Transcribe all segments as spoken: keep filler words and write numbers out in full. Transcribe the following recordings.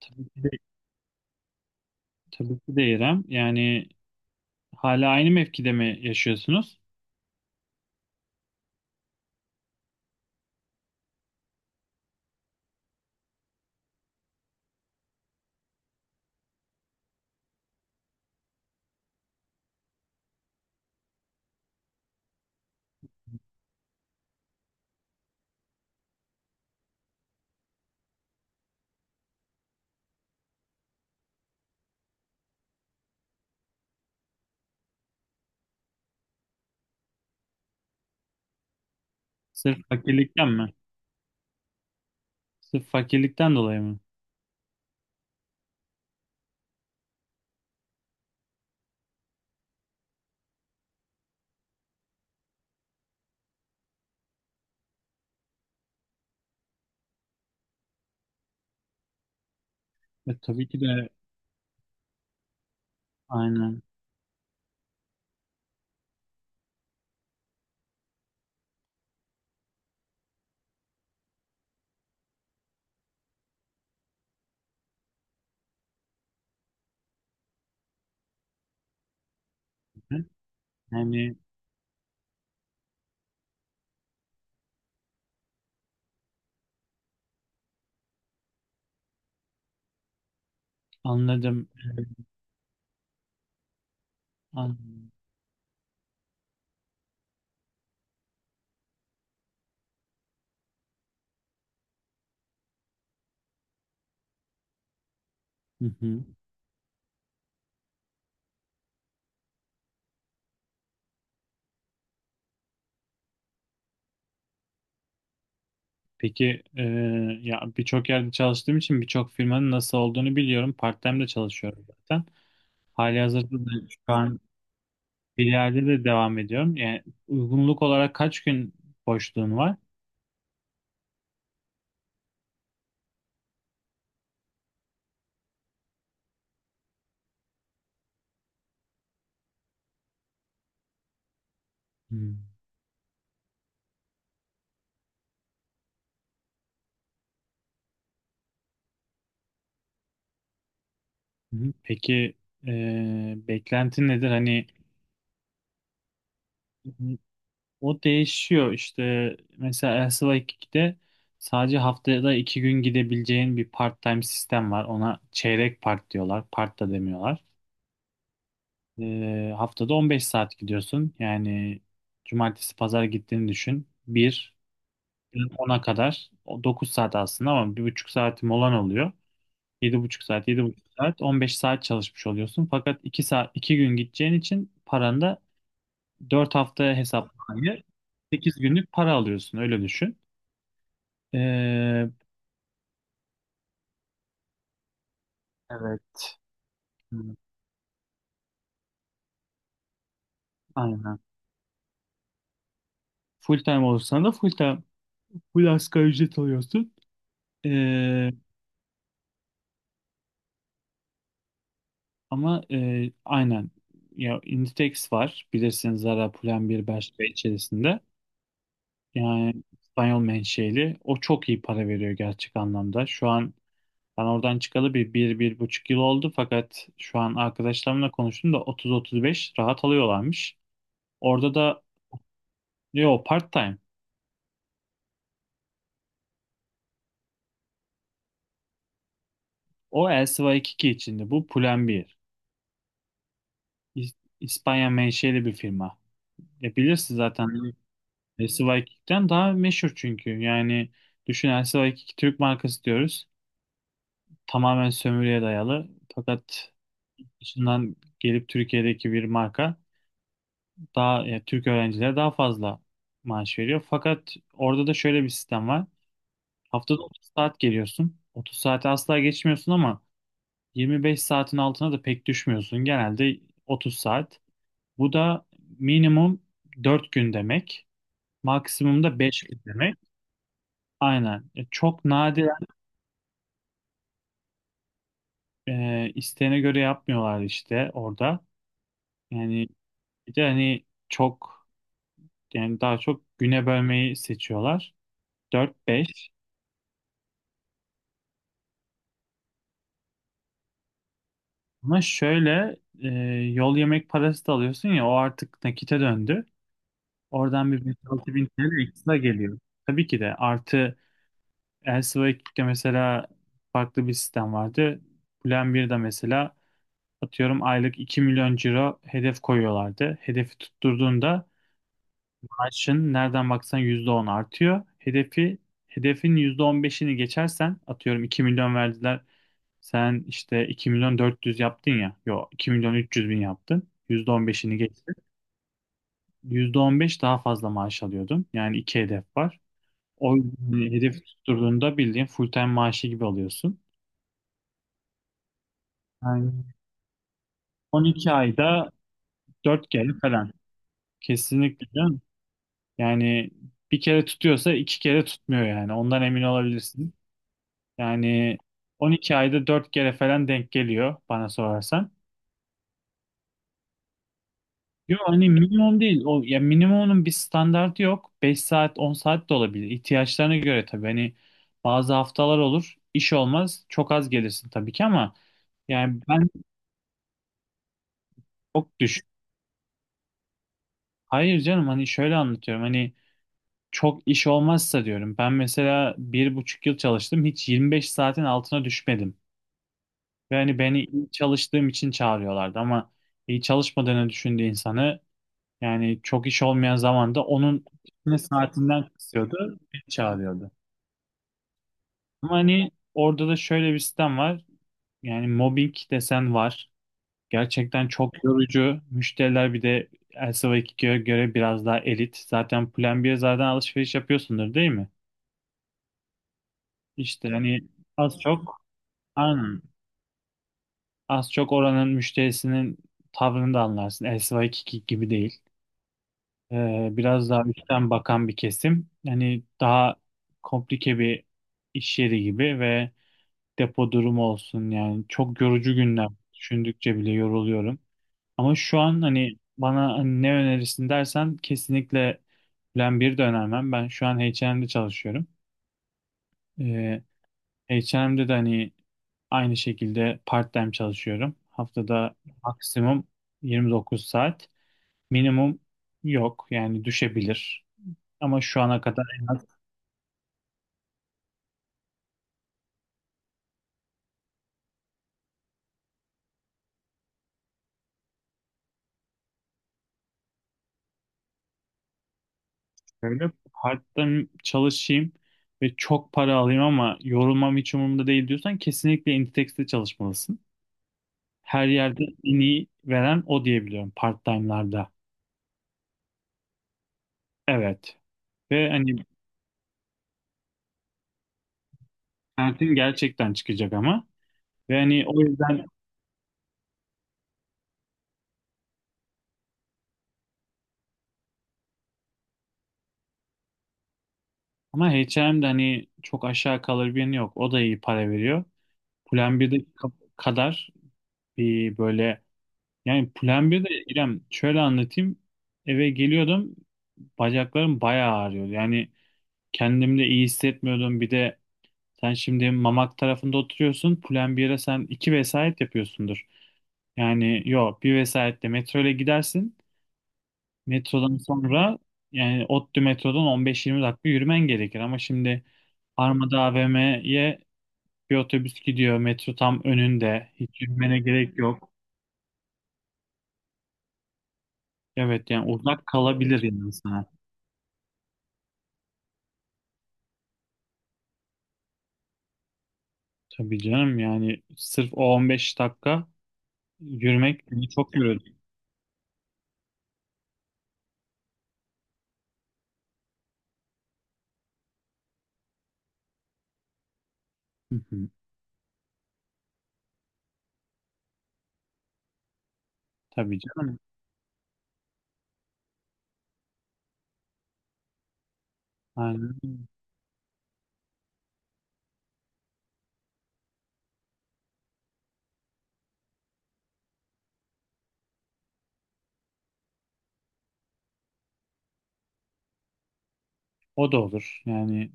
Tabii ki de, tabii ki de İrem. Yani hala aynı mevkide mi yaşıyorsunuz? Sırf fakirlikten mi? Sırf fakirlikten dolayı mı? E, tabii ki de, aynen. Yani anladım. E, anladım. Hı hı. Peki, e, ya birçok yerde çalıştığım için birçok firmanın nasıl olduğunu biliyorum. Part-time de çalışıyorum zaten. Halihazırda da şu an bir yerde de devam ediyorum. Yani, uygunluk olarak kaç gün boşluğun var? Hı. Hı hı. Peki, eee beklentin nedir? Hani o değişiyor işte, mesela Elsa ikide sadece haftada iki gün gidebileceğin bir part-time sistem var. Ona çeyrek part diyorlar. Part da demiyorlar. Eee, haftada on beş saat gidiyorsun. Yani cumartesi pazar gittiğini düşün. Bir ona kadar, o dokuz saat aslında ama bir buçuk saat molan oluyor. Yedi buçuk saat, yedi buçuk saat, on beş saat çalışmış oluyorsun. Fakat iki saat, iki gün gideceğin için paran da dört haftaya hesaplanıyor. Sekiz günlük para alıyorsun, öyle düşün. Ee, evet. Evet, aynen. Full time olursan da full time, full asgari ücret alıyorsun. Ee, ama e, aynen. Ya Inditex var. Bilirsiniz, Zara, Pull&Bear, Bershka içerisinde. Yani İspanyol menşeli. O çok iyi para veriyor gerçek anlamda. Şu an ben oradan çıkalı bir, bir, bir buçuk yıl oldu. Fakat şu an arkadaşlarımla konuştum da otuz otuz beş rahat alıyorlarmış. Orada da. Yo, part-time. O El Sıva yirmi iki içinde. Bu Pull&Bear. İs- İspanya menşeli bir firma. E bilirsin zaten, El Sıva yirmi ikiden daha meşhur çünkü. Yani düşün, El Sıva yirmi iki Türk markası diyoruz. Tamamen sömürüye dayalı. Fakat dışından gelip Türkiye'deki bir marka daha ya Türk öğrencilere daha fazla maaş veriyor. Fakat orada da şöyle bir sistem var. Haftada otuz saat geliyorsun. otuz saati asla geçmiyorsun ama yirmi beş saatin altına da pek düşmüyorsun. Genelde otuz saat. Bu da minimum dört gün demek. Maksimum da beş gün demek. Aynen. E, Çok nadiren, e, isteğine göre yapmıyorlar işte orada. Yani bir de, hani, çok yani daha çok güne bölmeyi seçiyorlar. dört beş. Ama şöyle, e, yol yemek parası da alıyorsun ya, o artık nakite döndü. Oradan bir beş altı bin T L ekstra geliyor. Tabii ki de, artı Elsevier ikide mesela farklı bir sistem vardı. Plan birde mesela, atıyorum, aylık iki milyon ciro hedef koyuyorlardı. Hedefi tutturduğunda maaşın nereden baksan yüzde on artıyor. Hedefi hedefin yüzde on beşini geçersen, atıyorum iki milyon verdiler. Sen işte iki milyon dört yüz yaptın ya. Yok, iki milyon üç yüz bin yaptın. yüzde on beşini geçtin. Yüzde on beş daha fazla maaş alıyordun. Yani iki hedef var. O yüzden hedefi tutturduğunda bildiğin full time maaşı gibi alıyorsun. on iki ayda dört kere falan. Kesinlikle canım. Yani bir kere tutuyorsa iki kere tutmuyor yani. Ondan emin olabilirsin. Yani on iki ayda dört kere falan denk geliyor bana sorarsan. Yok, hani minimum değil. O, ya, minimumun bir standartı yok. Beş saat, on saat de olabilir. İhtiyaçlarına göre tabii. Hani bazı haftalar olur, iş olmaz. Çok az gelirsin tabii ki, ama yani ben çok düşük. Hayır canım, hani şöyle anlatıyorum. Hani çok iş olmazsa diyorum. Ben mesela bir buçuk yıl çalıştım. Hiç yirmi beş saatin altına düşmedim. Ve hani beni iyi çalıştığım için çağırıyorlardı, ama iyi çalışmadığını düşündüğü insanı, yani çok iş olmayan zamanda onun ne saatinden kısıyordu, beni çağırıyordu. Ama hani orada da şöyle bir sistem var. Yani mobbing desen var. Gerçekten çok yorucu. Müşteriler bir de Elsevier ikiye göre biraz daha elit. Zaten Plan B'ye zaten alışveriş yapıyorsundur değil mi? İşte hani, az çok, aynen. Az çok oranın müşterisinin tavrını da anlarsın. Elsivaki gibi değil. Ee, biraz daha üstten bakan bir kesim. Hani daha komplike bir iş yeri gibi, ve depo durumu olsun, yani çok yorucu günler. Düşündükçe bile yoruluyorum. Ama şu an hani bana hani ne önerirsin dersen, kesinlikle Plan bir de önermem. Ben şu an H ve M'de çalışıyorum. Ee, H ve M'de de hani aynı şekilde part-time çalışıyorum. Haftada maksimum yirmi dokuz saat. Minimum yok, yani düşebilir. Ama şu ana kadar en az, şöyle part-time çalışayım ve çok para alayım ama yorulmam hiç umurumda değil diyorsan, kesinlikle Inditex'te çalışmalısın. Her yerde en iyi veren o diyebiliyorum part-time'larda. Evet. Ve hani sertin gerçekten çıkacak ama. Ve hani o yüzden, ama H ve M'de hani çok aşağı kalır bir yanı yok. O da iyi para veriyor. Plan birde ka- kadar bir böyle, yani Plan birde İrem, şöyle anlatayım. Eve geliyordum, bacaklarım bayağı ağrıyordu. Yani kendimde iyi hissetmiyordum. Bir de sen şimdi Mamak tarafında oturuyorsun. Plan bire sen iki vesayet yapıyorsundur. Yani yok, bir vesayetle metro ile gidersin. Metrodan sonra, yani ODTÜ metrodan on beş yirmi dakika yürümen gerekir. Ama şimdi Armada A V M'ye bir otobüs gidiyor. Metro tam önünde. Hiç yürümene gerek yok. Evet, yani uzak kalabilir yani sana. Tabii canım, yani sırf o on beş dakika yürümek beni çok yürüdü. Hı hı. Tabii canım. Yani o da olur. Yani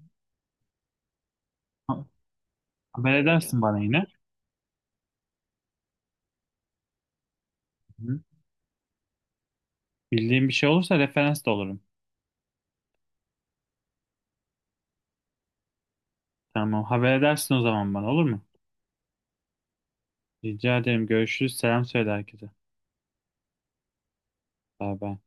ha- haber edersin bana yine. Hı hı. Bildiğin bir şey olursa referans da olurum. Tamam, haber edersin o zaman bana, olur mu? Rica ederim, görüşürüz. Selam söyle herkese. Bay bay.